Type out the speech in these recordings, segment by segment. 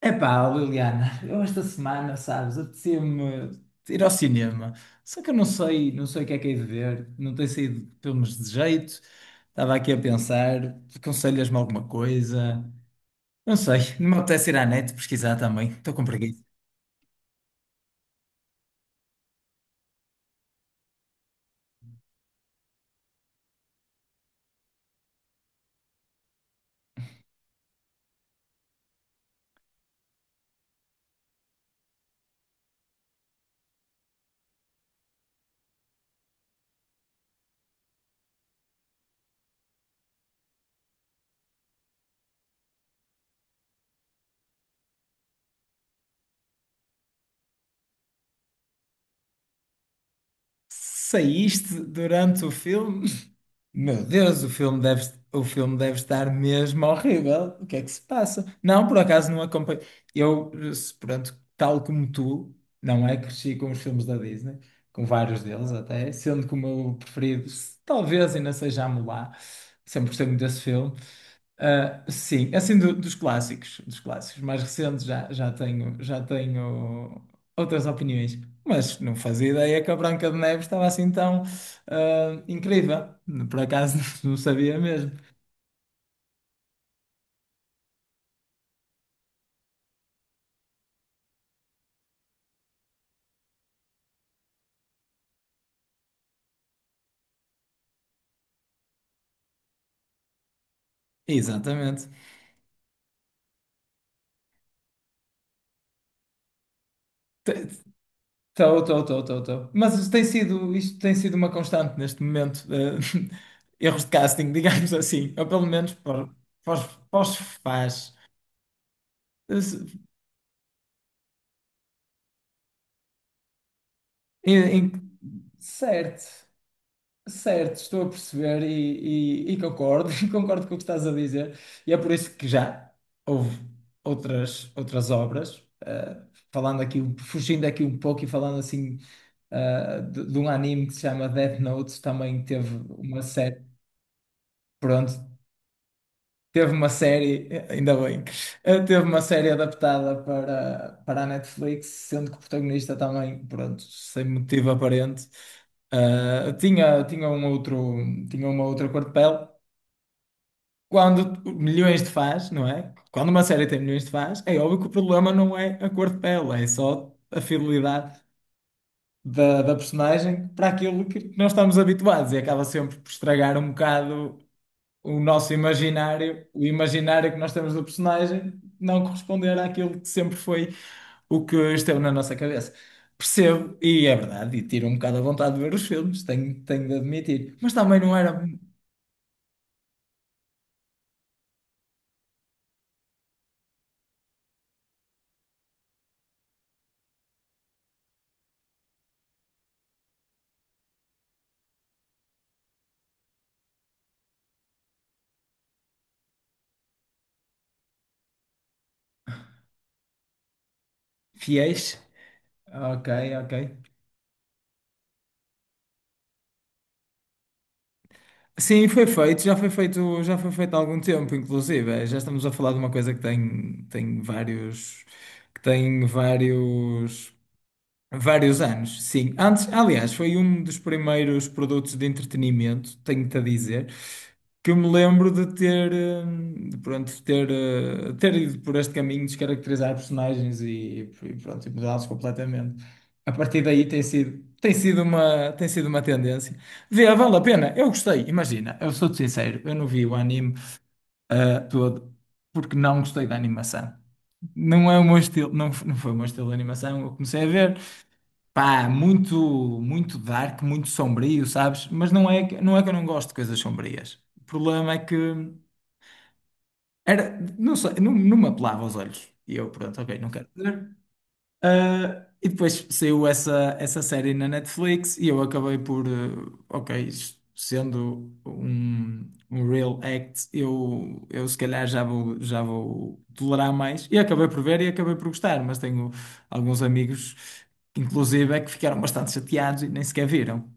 Epá, Liliana, eu esta semana, sabes, apetecia-me ir ao cinema. Só que eu não sei, não sei o que é que hei de ver, não tenho saído filmes de jeito. Estava aqui a pensar, aconselhas-me alguma coisa? Não sei, não me apetece ir à net pesquisar também, estou com preguiça. Saíste durante o filme? Meu Deus, o filme deve estar mesmo horrível. O que é que se passa? Não, por acaso não acompanho. Eu, pronto, tal como tu, não é? Cresci com os filmes da Disney, com vários deles até, sendo que o meu preferido, talvez ainda seja Mulan. Sempre gostei muito desse filme. Ah, sim, é assim dos clássicos mais recentes já, já tenho outras opiniões, mas não fazia ideia que a Branca de Neve estava assim tão incrível. Por acaso não sabia mesmo. Exatamente. Estou. Mas isto tem sido uma constante neste momento. Erros de casting, digamos assim. Ou pelo menos para, para, para os fãs. Eh, se- em- em- Certo. Certo, estou a perceber e e concordo, concordo com o que estás a dizer. E é por isso que já houve outras, outras obras, falando aqui, fugindo aqui um pouco e falando assim, de um anime que se chama Death Note, também teve uma série, pronto, teve uma série, ainda bem, teve uma série adaptada para, para a Netflix, sendo que o protagonista também, pronto, sem motivo aparente, tinha tinha uma outra cor de pele. Quando milhões de fãs, não é? Quando uma série tem milhões de fãs, é óbvio que o problema não é a cor de pele, é só a fidelidade da, da personagem para aquilo que nós estamos habituados e acaba sempre por estragar um bocado o nosso imaginário, o imaginário que nós temos do personagem, não corresponder àquilo que sempre foi o que esteve na nossa cabeça. Percebo, e é verdade, e tiro um bocado a vontade de ver os filmes, tenho, tenho de admitir. Mas também não era fiéis. Ok, ok. Sim, foi feito, já foi feito, já foi feito há algum tempo, inclusive. Já estamos a falar de uma coisa que tem, tem vários, que tem vários vários anos, sim. Antes, aliás, foi um dos primeiros produtos de entretenimento, tenho-te a dizer, que eu me lembro de ter, de, pronto, de ter, ter ido por este caminho, de descaracterizar personagens e pronto, e mudá-los completamente. A partir daí tem sido uma tendência. Vê, vale a pena, eu gostei, imagina, eu sou-te sincero, eu não vi o anime, todo, porque não gostei da animação. Não é o meu estilo, não, não foi o meu estilo de animação, eu comecei a ver. Pá, muito, muito dark, muito sombrio, sabes? Mas não é, não é que eu não gosto de coisas sombrias. O problema é que era, não sei, não, me apelava aos olhos. E eu, pronto, ok, não quero ver. Ah, e depois saiu essa, essa série na Netflix e eu acabei por, ok, isto sendo um, um real act, eu se calhar já vou tolerar mais. E acabei por ver e acabei por gostar, mas tenho alguns amigos, inclusive, é que ficaram bastante chateados e nem sequer viram.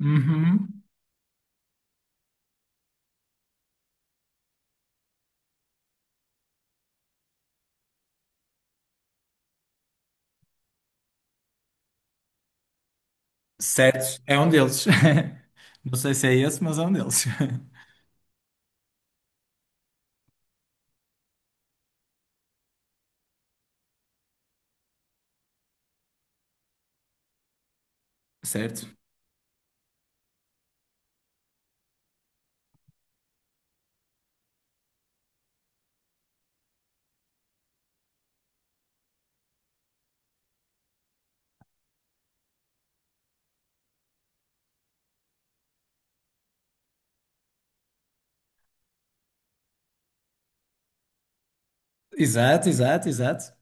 Uhum. Certo, é um deles. Não sei se é esse, mas é um deles. Certo. Exato, exato, exato.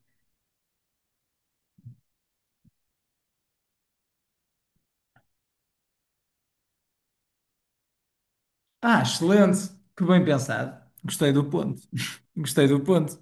Ah, excelente! Que bem pensado. Gostei do ponto. Gostei do ponto.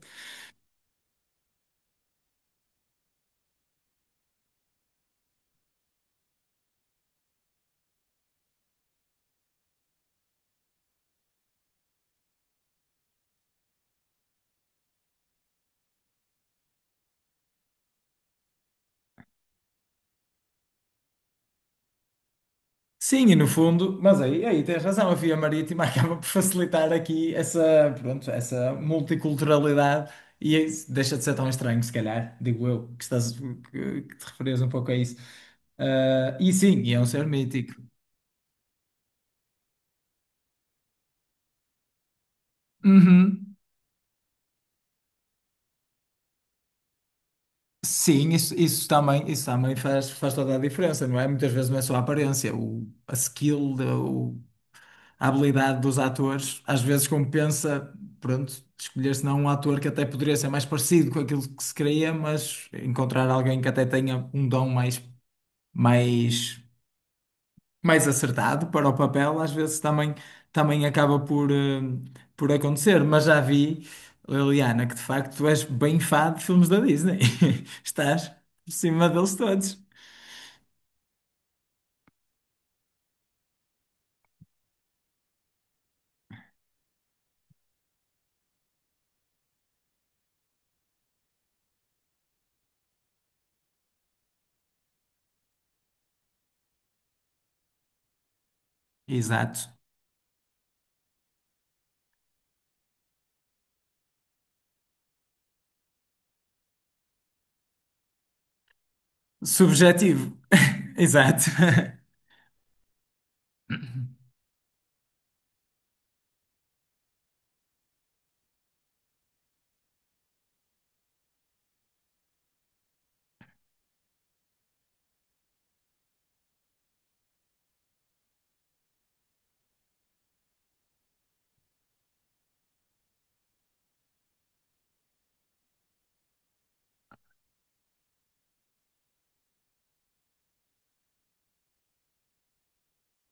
Sim, e no fundo, mas aí, aí tens razão, a via marítima acaba por facilitar aqui essa, pronto, essa multiculturalidade e é isso deixa de ser tão estranho, se calhar, digo eu, que estás, que te referias um pouco a isso. Ah, e sim, e é um ser mítico. Uhum. Sim, isso, isso também faz, faz toda a diferença, não é? Muitas vezes não é só a aparência, o, a skill, a habilidade dos atores, às vezes compensa, pronto, escolher se não um ator que até poderia ser mais parecido com aquilo que se queria, mas encontrar alguém que até tenha um dom mais, mais, mais acertado para o papel, às vezes também, também acaba por, por acontecer. Mas já vi, Liliana, que de facto tu és bem fã de filmes da Disney. Estás por cima deles todos. Exato. Subjetivo. Exato.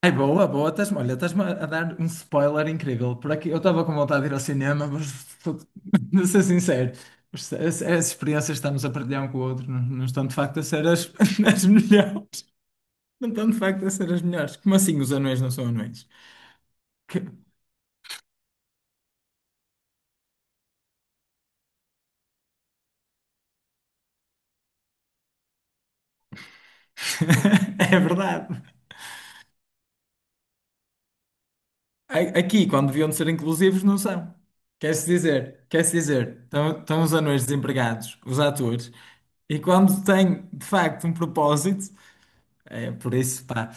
Ai, boa, boa. Estás-me, olha, estás-me a dar um spoiler incrível. Por aqui, eu estava com vontade de ir ao cinema, mas de ser sincero, as experiências que estamos a partilhar um com o outro não, não estão de facto a ser as, as melhores. Não estão de facto a ser as melhores. Como assim os anões não são anões? Que- É verdade. A- Aqui, quando deviam de ser inclusivos, não são. Quer-se dizer, estão, estão os anões desempregados, os atores, e quando têm de facto um propósito. É, por isso, pá,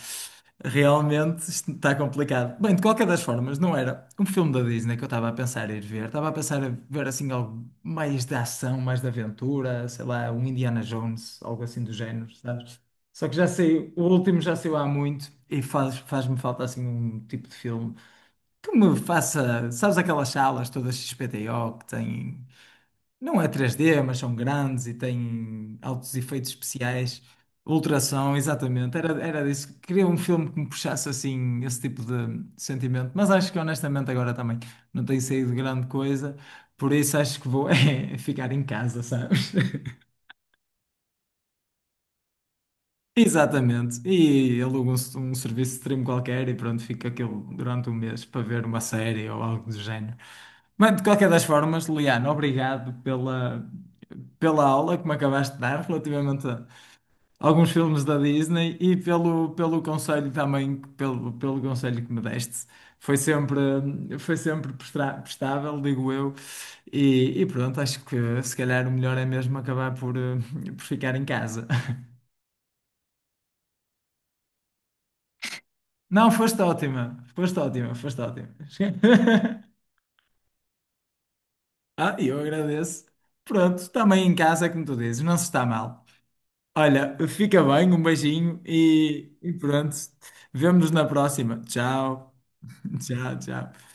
realmente isto está complicado. Bem, de qualquer das formas, não era um filme da Disney que eu estava a pensar ir ver. Estava a pensar em ver assim algo mais de ação, mais de aventura, sei lá, um Indiana Jones, algo assim do género, sabes? Só que já sei, o último já saiu há muito e faz, faz-me falta assim um tipo de filme que me faça, sabes, aquelas salas todas XPTO que têm não é 3D, mas são grandes e têm altos efeitos especiais. Ultrassom, exatamente. Era, era disso. Queria um filme que me puxasse assim, esse tipo de sentimento. Mas acho que honestamente agora também não tem saído grande coisa. Por isso acho que vou é, ficar em casa, sabe? Exatamente. E alugam um, um serviço de stream qualquer e pronto, fica aquilo durante um mês para ver uma série ou algo do género. Mas de qualquer das formas, Liano, obrigado pela, pela aula que me acabaste de dar relativamente a alguns filmes da Disney e pelo, pelo conselho também, pelo, pelo conselho que me deste. Foi sempre, foi sempre prestável, digo eu. E pronto, acho que se calhar o melhor é mesmo acabar por, por ficar em casa. Não, foste ótima, foste ótima, foste ótima. Ah, e eu agradeço. Pronto, também em casa, como tu dizes, não se está mal. Olha, fica bem, um beijinho e pronto. Vemo-nos na próxima. Tchau, tchau, tchau.